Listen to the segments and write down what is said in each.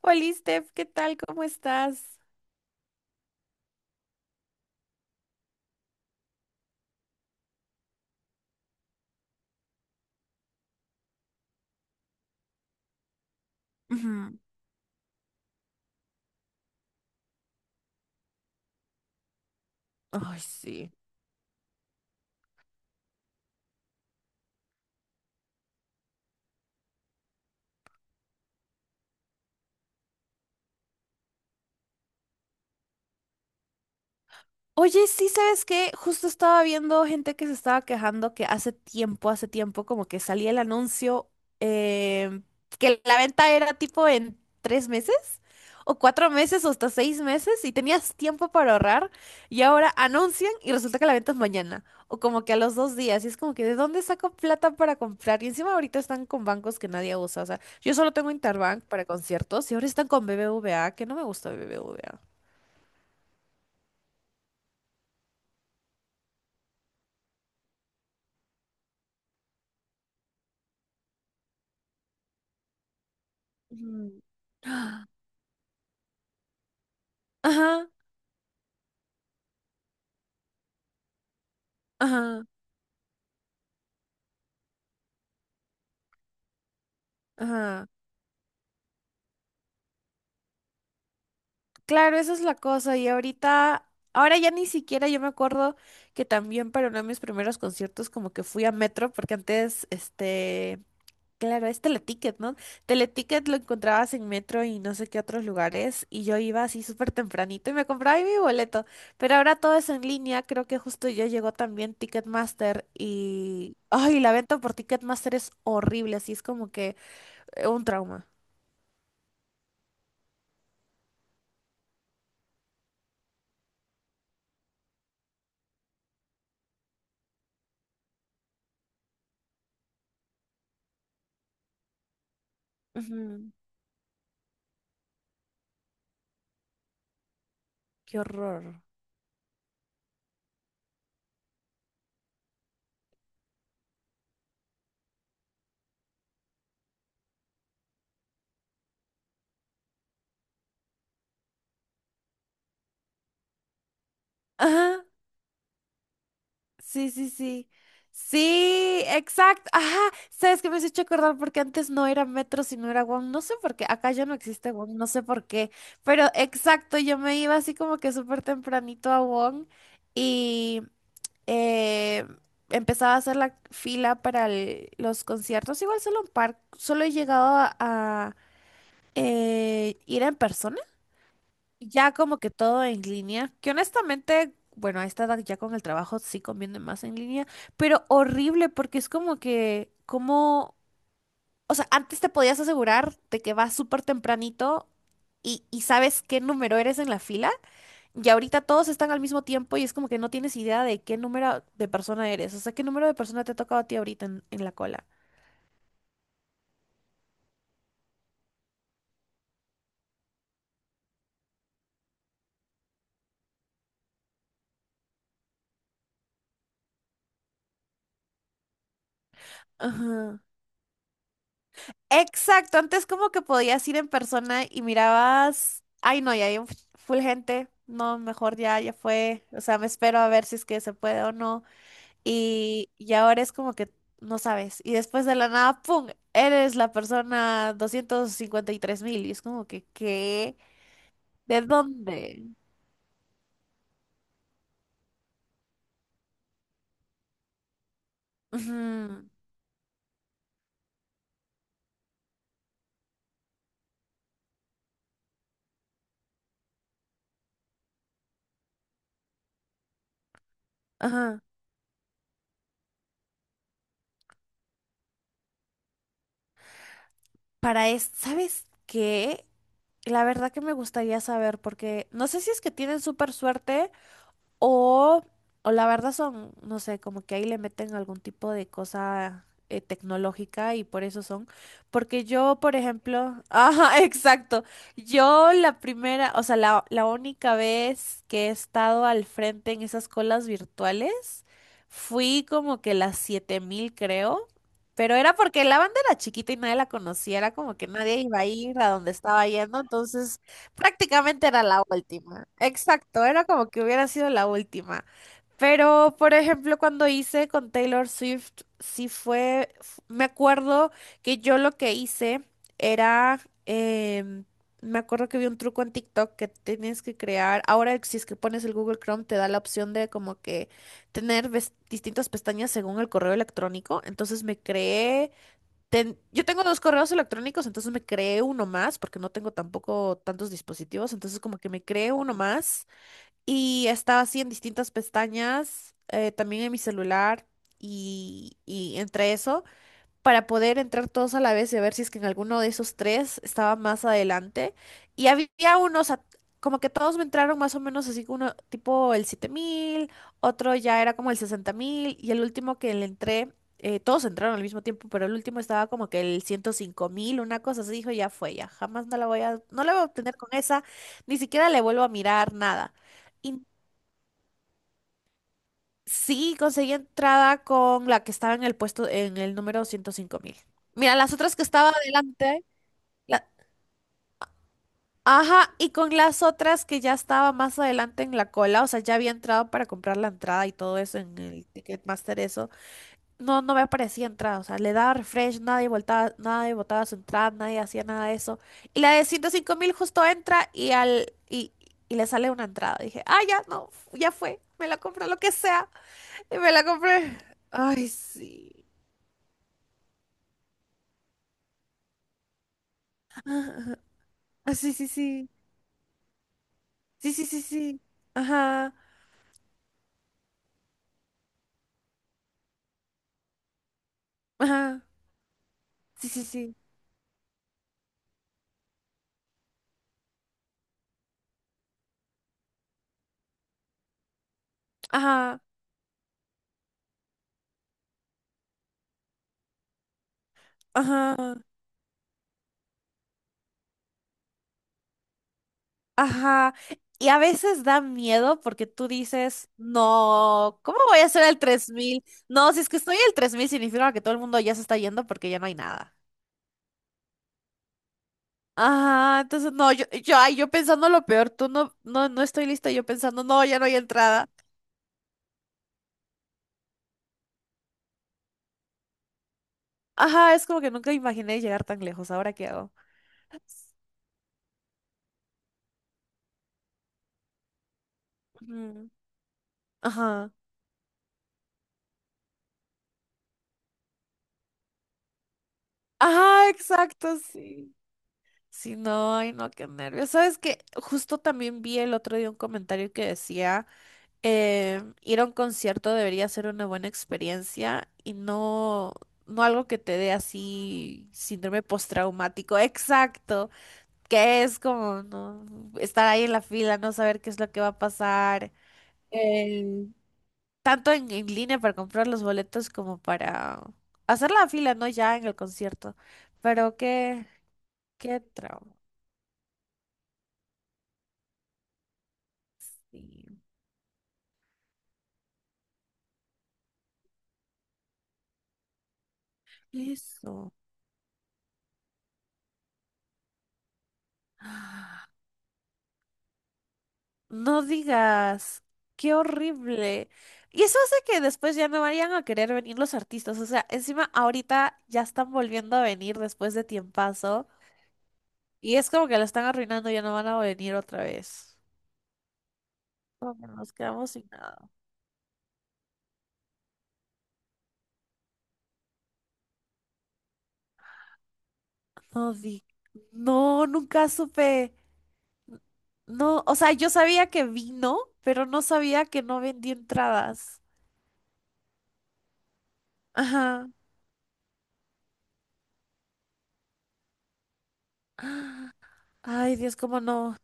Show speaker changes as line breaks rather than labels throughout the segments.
Hola, Steph, ¿qué tal? ¿Cómo estás? Ujú. Ay, sí. Oye, sí, ¿sabes qué? Justo estaba viendo gente que se estaba quejando que hace tiempo, como que salía el anuncio eh, que la venta era tipo en 3 meses o 4 meses o hasta 6 meses y tenías tiempo para ahorrar y ahora anuncian y resulta que la venta es mañana o como que a los 2 días y es como que ¿de dónde saco plata para comprar? Y encima ahorita están con bancos que nadie usa, o sea, yo solo tengo Interbank para conciertos y ahora están con BBVA, que no me gusta BBVA. Mm. Ajá. Ajá, ajá. Claro, esa es la cosa. Y ahorita, ahora ya ni siquiera yo me acuerdo que también para uno de mis primeros conciertos como que fui a Metro, porque antes, claro, es Teleticket, ¿no? Teleticket lo encontrabas en Metro y no sé qué otros lugares, y yo iba así súper tempranito y me compraba ahí mi boleto. Pero ahora todo es en línea, creo que justo ya llegó también Ticketmaster. Ay, la venta por Ticketmaster es horrible, así es como que un trauma. Ujú, qué horror. Ajá, sí, sí, sí. Sí, exacto. Ajá, sabes que me has hecho acordar porque antes no era metro, sino era One. No sé por qué, acá ya no existe One, no sé por qué. Pero exacto, yo me iba así como que súper tempranito a One y eh, empezaba a hacer la fila para los conciertos. Igual solo un par, solo he llegado a ir en persona ya como que todo en línea, que honestamente, bueno, a esta edad ya con el trabajo sí conviene más en línea, pero horrible porque es como que, como, o sea, antes te podías asegurar de que vas súper tempranito y sabes qué número eres en la fila, y ahorita todos están al mismo tiempo y es como que no tienes idea de qué número de persona eres, o sea, qué número de persona te ha tocado a ti ahorita en la cola. Ajá. Exacto, antes como que podías ir en persona y mirabas, ay no, ya hay un full gente, no, mejor ya, ya fue, o sea, me espero a ver si es que se puede o no, y ahora es como que no sabes, y después de la nada, ¡pum!, eres la persona 253.000, y es como que, ¿qué? ¿De dónde? Ujú, ajá. Para esto, ¿sabes qué? La verdad que me gustaría saber, porque no sé si es que tienen súper suerte. O, o la verdad son, no sé, como que ahí le meten algún tipo de cosa tecnológica y por eso son. Porque yo, por ejemplo, ajá, exacto. Yo la primera, o sea, la única vez que he estado al frente en esas colas virtuales, fui como que las 7.000 creo. Pero era porque la banda era chiquita y nadie la conocía, era como que nadie iba a ir a donde estaba yendo, entonces prácticamente era la última. Exacto, era como que hubiera sido la última. Pero, por ejemplo, cuando hice con Taylor Swift, sí fue, me acuerdo que yo lo que hice era, em, me acuerdo que vi un truco en TikTok que tienes que crear, ahora si es que pones el Google Chrome te da la opción de como que tener distintas pestañas según el correo electrónico, entonces me creé yo tengo dos correos electrónicos, entonces me creé uno más, porque no tengo tampoco tantos dispositivos, entonces como que me creé uno más y estaba así en distintas pestañas, también en mi celular y entre esos para poder entrar todos a la vez y ver si es que en alguno de esos tres estaba más adelante. Y había unos, como que todos me entraron más o menos así, uno tipo el 7.000 otro ya era como el 60.000 y el último que le entré, todos entraron al mismo tiempo, pero el último estaba como que el 105.000 una cosa así, dijo, ya fue, ya jamás no la voy a obtener con esa, ni siquiera le vuelvo a mirar nada. Y Sí, conseguí entrada con la que estaba en el puesto, en el número 105.000. Mira, las otras que estaba adelante, la- ajá, y con las otras que ya estaba más adelante en la cola, o sea, ya había entrado para comprar la entrada y todo eso en el Ticketmaster, eso, no, no me aparecía entrada, o sea, le daba refresh, nadie voltaba, nadie botaba su entrada, nadie hacía nada de eso. Y la de 105.000 justo entra y le sale una entrada. Dije, ah, ya, no, ya fue, me la compro lo que sea. Y me la compré. Ay, sí. Ah, sí, sí, sí. Sí, sí, sí, sí. Ajá. Ajá. Sí, sí, sí. Ajá. Ajá. Ajá. Y a veces da miedo porque tú dices, no, ¿cómo voy a hacer el 3.000? No, si es que estoy el 3.000 significa que todo el mundo ya se está yendo porque ya no hay nada. Ajá, entonces no, ay, yo pensando lo peor, tú no, no, no estoy lista, yo pensando, no, ya no hay entrada. Ajá, es como que nunca imaginé llegar tan lejos, ¿ahora qué hago? Ujú. Ajá. Ajá, exacto, sí. Sí, no, ay, no, qué nervios. ¿Sabes qué? Justo también vi el otro día un comentario que decía, ir a un concierto debería ser una buena experiencia y no, no algo que te dé así síndrome postraumático. Exacto, que es como no, estar ahí en la fila, no saber qué es lo que va a pasar. Eh, Tanto en línea para comprar los boletos como para hacer la fila, ¿no? Ya en el concierto. Pero qué trauma. Sí. Eso. No digas, qué horrible. Y eso hace que después ya no vayan a querer venir los artistas. O sea, encima ahorita ya están volviendo a venir después de tiempazo. Y es como que lo están arruinando, ya no van a venir otra vez. Como que nos quedamos sin nada. No di. No, nunca supe. No, o sea, yo sabía que vino, pero no sabía que no, vendí entradas. Ajá. Ay, Dios, cómo no.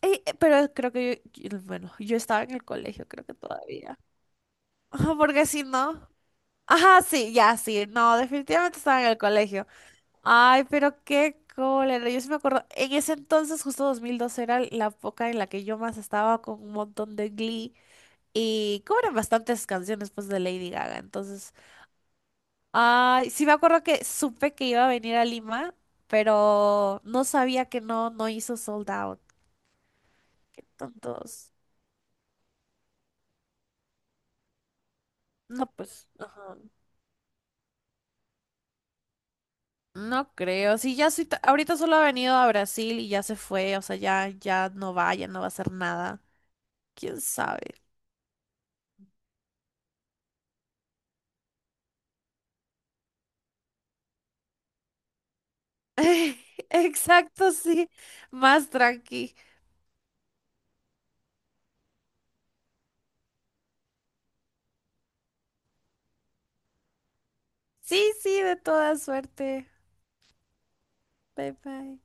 Ey, pero creo que yo, bueno, yo estaba en el colegio, creo que todavía. Ajá, porque si no. Ajá, sí, ya, sí. No, definitivamente estaba en el colegio. Ay, pero qué cólera. Yo sí me acuerdo, en ese entonces, justo 2002 era la época en la que yo más estaba con un montón de Glee. Y cobran bastantes canciones, pues, de Lady Gaga. Entonces, ay, sí me acuerdo que supe que iba a venir a Lima, pero no sabía que no, no hizo sold out. Qué tontos. No, pues, ajá. No creo. Sí, ya sí, ahorita solo ha venido a Brasil y ya se fue. O sea, ya, ya no va a hacer nada. ¿Quién sabe? Exacto, sí. Más tranqui. Sí, sí, de toda suerte. Bye bye.